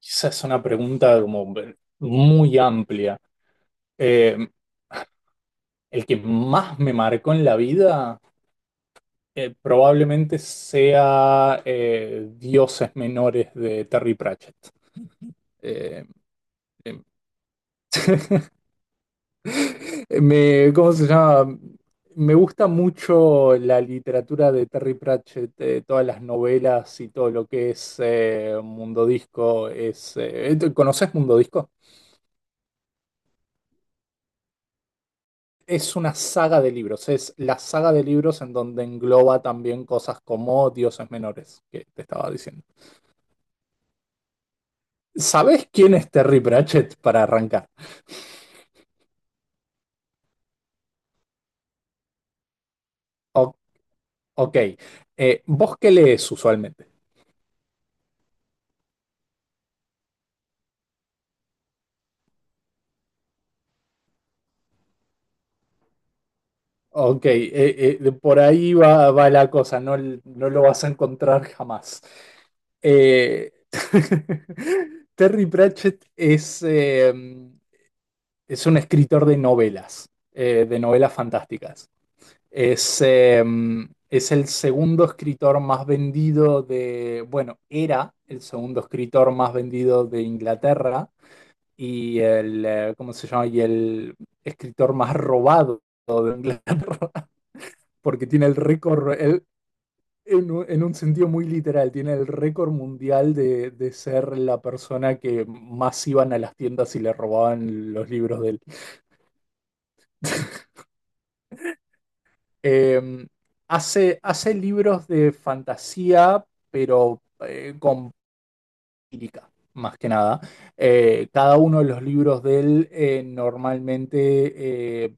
Esa es una pregunta como muy amplia. Eh, el que más me marcó en la vida probablemente sea Dioses Menores de Terry Pratchett. Eh, em, ¿Cómo se llama? Me gusta mucho la literatura de Terry Pratchett, todas las novelas y todo lo que es Mundo Disco. ¿Conoces Mundo Disco? Es una saga de libros, es la saga de libros en donde engloba también cosas como Dioses Menores, que te estaba diciendo. ¿Sabés quién es Terry Pratchett para arrancar? O- ok, ¿vos qué lees usualmente? Ok, por ahí va, va la cosa, no, no lo vas a encontrar jamás. Eh, Terry Pratchett es un escritor de novelas fantásticas. Es, eh, es el segundo escritor más vendido de, bueno, era el segundo escritor más vendido de Inglaterra y ¿cómo se llama? Y el escritor más robado de Inglaterra, porque tiene el récord, en un sentido muy literal, tiene el récord mundial de ser la persona que más iban a las tiendas y le robaban los libros. Eh, hace libros de fantasía, pero con lírica, más que nada. Cada uno de los libros de él normalmente, eh,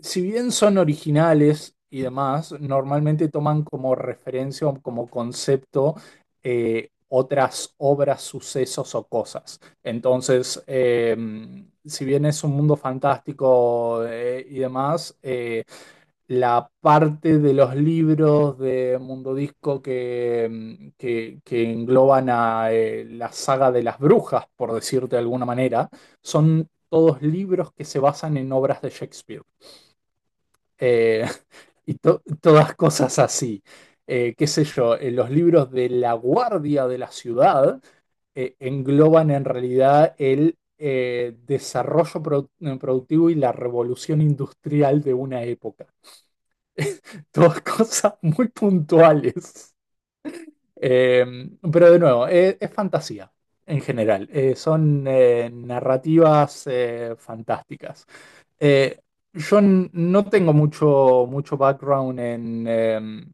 si bien son originales y demás, normalmente toman como referencia o como concepto otras obras, sucesos o cosas. Entonces, si bien es un mundo fantástico y demás, la parte de los libros de Mundo Disco que engloban a la saga de las brujas, por decirte de alguna manera, son todos libros que se basan en obras de Shakespeare. Eh, y todas cosas así. Qué sé yo, los libros de La Guardia de la Ciudad engloban en realidad el productivo y la revolución industrial de una época. Dos cosas muy puntuales. Eh, pero de nuevo, fantasía en general. Son narrativas fantásticas. Eh, yo no tengo mucho background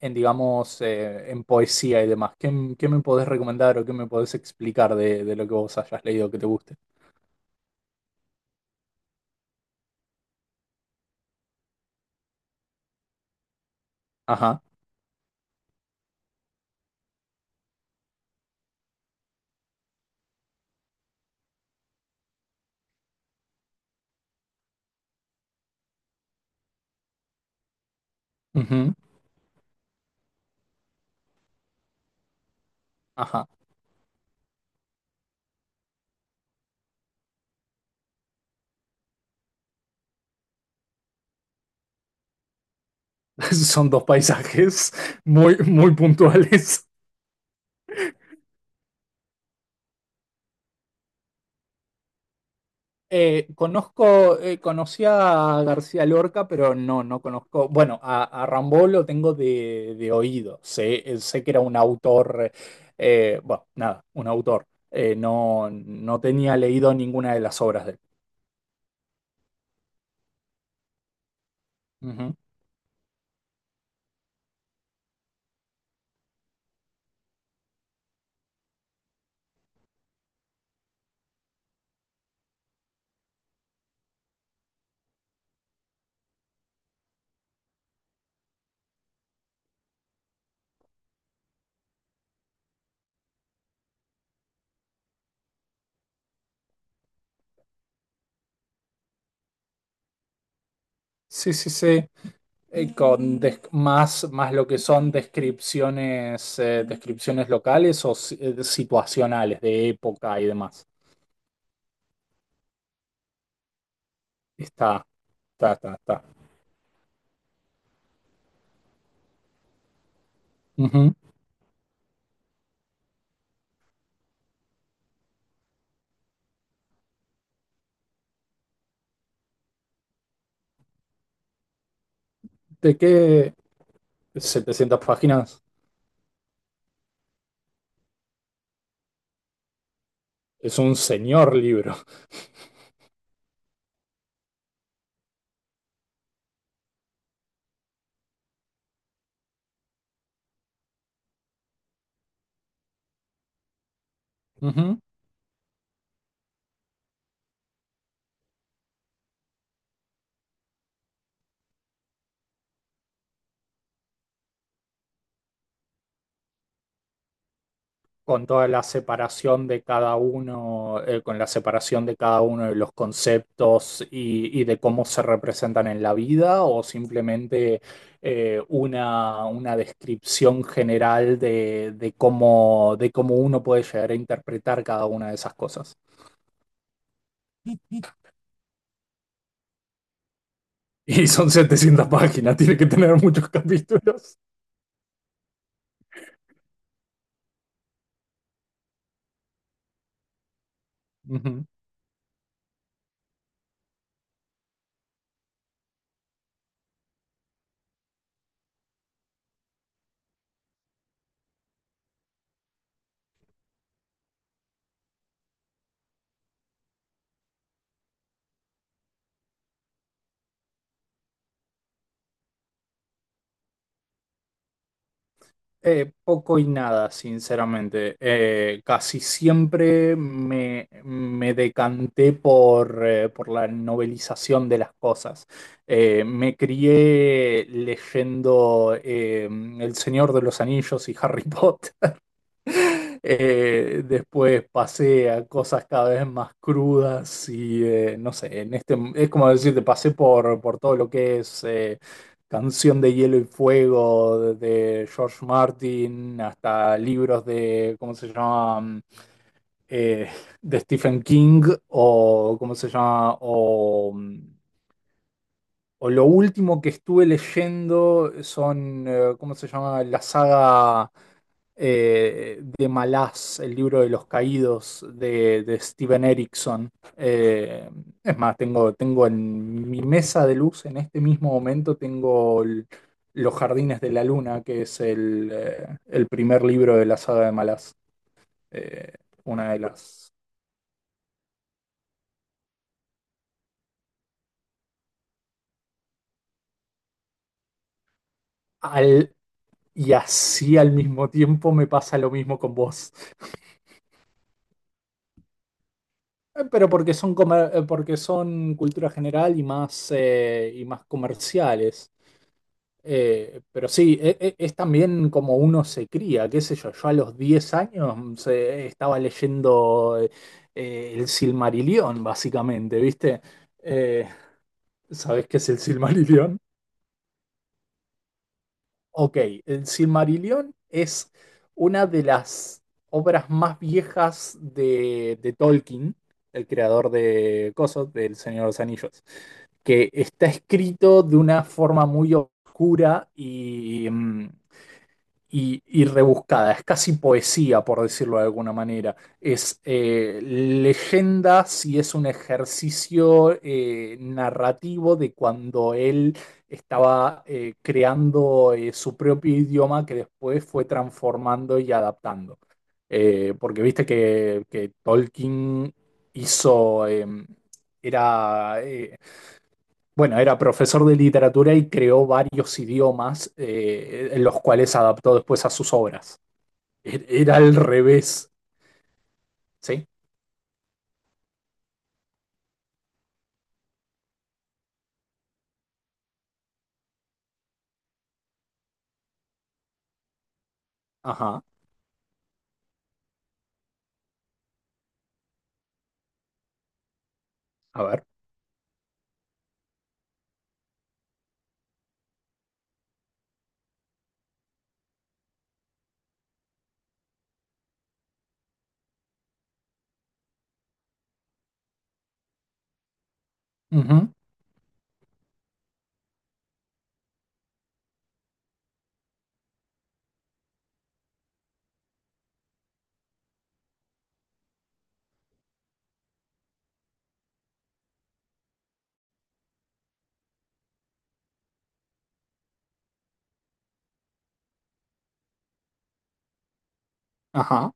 en digamos, en poesía y demás. ¿Qué me podés recomendar o qué me podés explicar de lo que vos hayas leído que te guste? Ajá. Ujú. Ajá. Son dos paisajes muy, muy puntuales. Conozco, conocí a García Lorca, pero no, no conozco. Bueno, a Rimbaud lo tengo de oído. Sé, sé que era un autor, bueno, nada, un autor. No, no tenía leído ninguna de las obras de él. Ujú. Sí, sí, sí. Más, más lo que son descripciones, descripciones locales o si- situacionales de época y demás. Está, está. Ujú. ¿De qué? 700 páginas. Es un señor libro. Ujú. Con toda la separación de cada uno, de los conceptos y de cómo se representan en la vida, o simplemente una descripción general de, de cómo uno puede llegar a interpretar cada una de esas cosas. Y son 700 páginas, tiene que tener muchos capítulos. Ujú. Poco y nada, sinceramente. Casi siempre me decanté por la novelización de las cosas. Me crié leyendo El Señor de los Anillos y Harry Potter. Después pasé a cosas cada vez más crudas y no sé, en este es como decirte, pasé por todo lo que es Canción de Hielo y Fuego de George Martin hasta libros de, ¿cómo se llama? Eh, de Stephen King o, ¿cómo se llama? O lo último que estuve leyendo son, ¿cómo se llama? La saga de Malaz, el libro de los caídos de Steven Erickson. Eh, es más, tengo en mi mesa de luz, en este mismo momento, tengo Los Jardines de la Luna, que es el primer libro de la saga de Malaz. Eh, una de las... al- y así al mismo tiempo me pasa lo mismo con vos. Porque son cultura general y más comerciales. Pero sí, es, también como uno se cría, qué sé yo. Yo a los 10 años estaba leyendo el Silmarillion, básicamente, ¿viste? Eh, ¿Sabés qué es el Silmarillion? Ok, el Silmarillion es una de las obras más viejas de Tolkien, el creador de Cosos, del Señor de los Anillos, que está escrito de una forma muy oscura y, y rebuscada, es casi poesía, por decirlo de alguna manera. Es leyendas y es un ejercicio narrativo de cuando él estaba creando su propio idioma que después fue transformando y adaptando. Porque viste que Tolkien hizo, eh, era, eh, bueno, era profesor de literatura y creó varios idiomas, en los cuales adaptó después a sus obras. Era al revés, ¿sí? Ajá, a ver. Ujú. Ajá.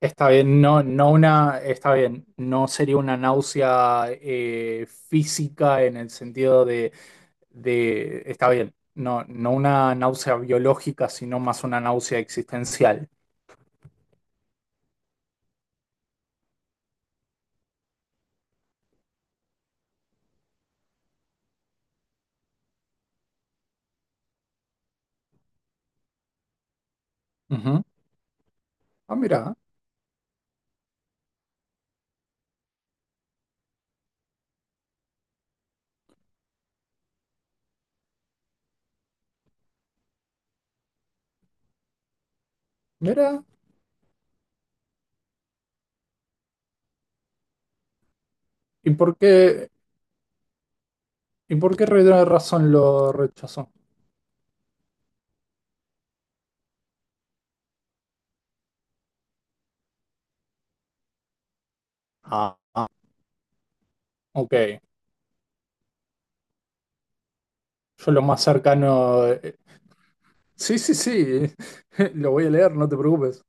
Está bien, está bien, no sería una náusea física en el sentido de, está bien, no, no una náusea biológica, sino más una náusea existencial. Ujú. Ah, mira. ¿Y por qué, ¿Y por qué Rey razón lo rechazó? Ah, ok. Yo lo más cercano. Sí, sí, sí. Lo voy a leer, no te preocupes.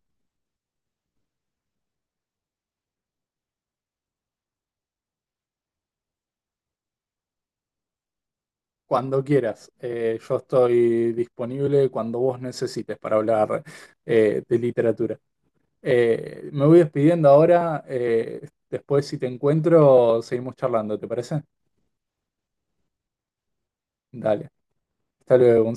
Cuando quieras. Yo estoy disponible cuando vos necesites para hablar de literatura. Me voy despidiendo ahora. Después, si te encuentro, seguimos charlando, ¿te parece? Dale. Hasta luego.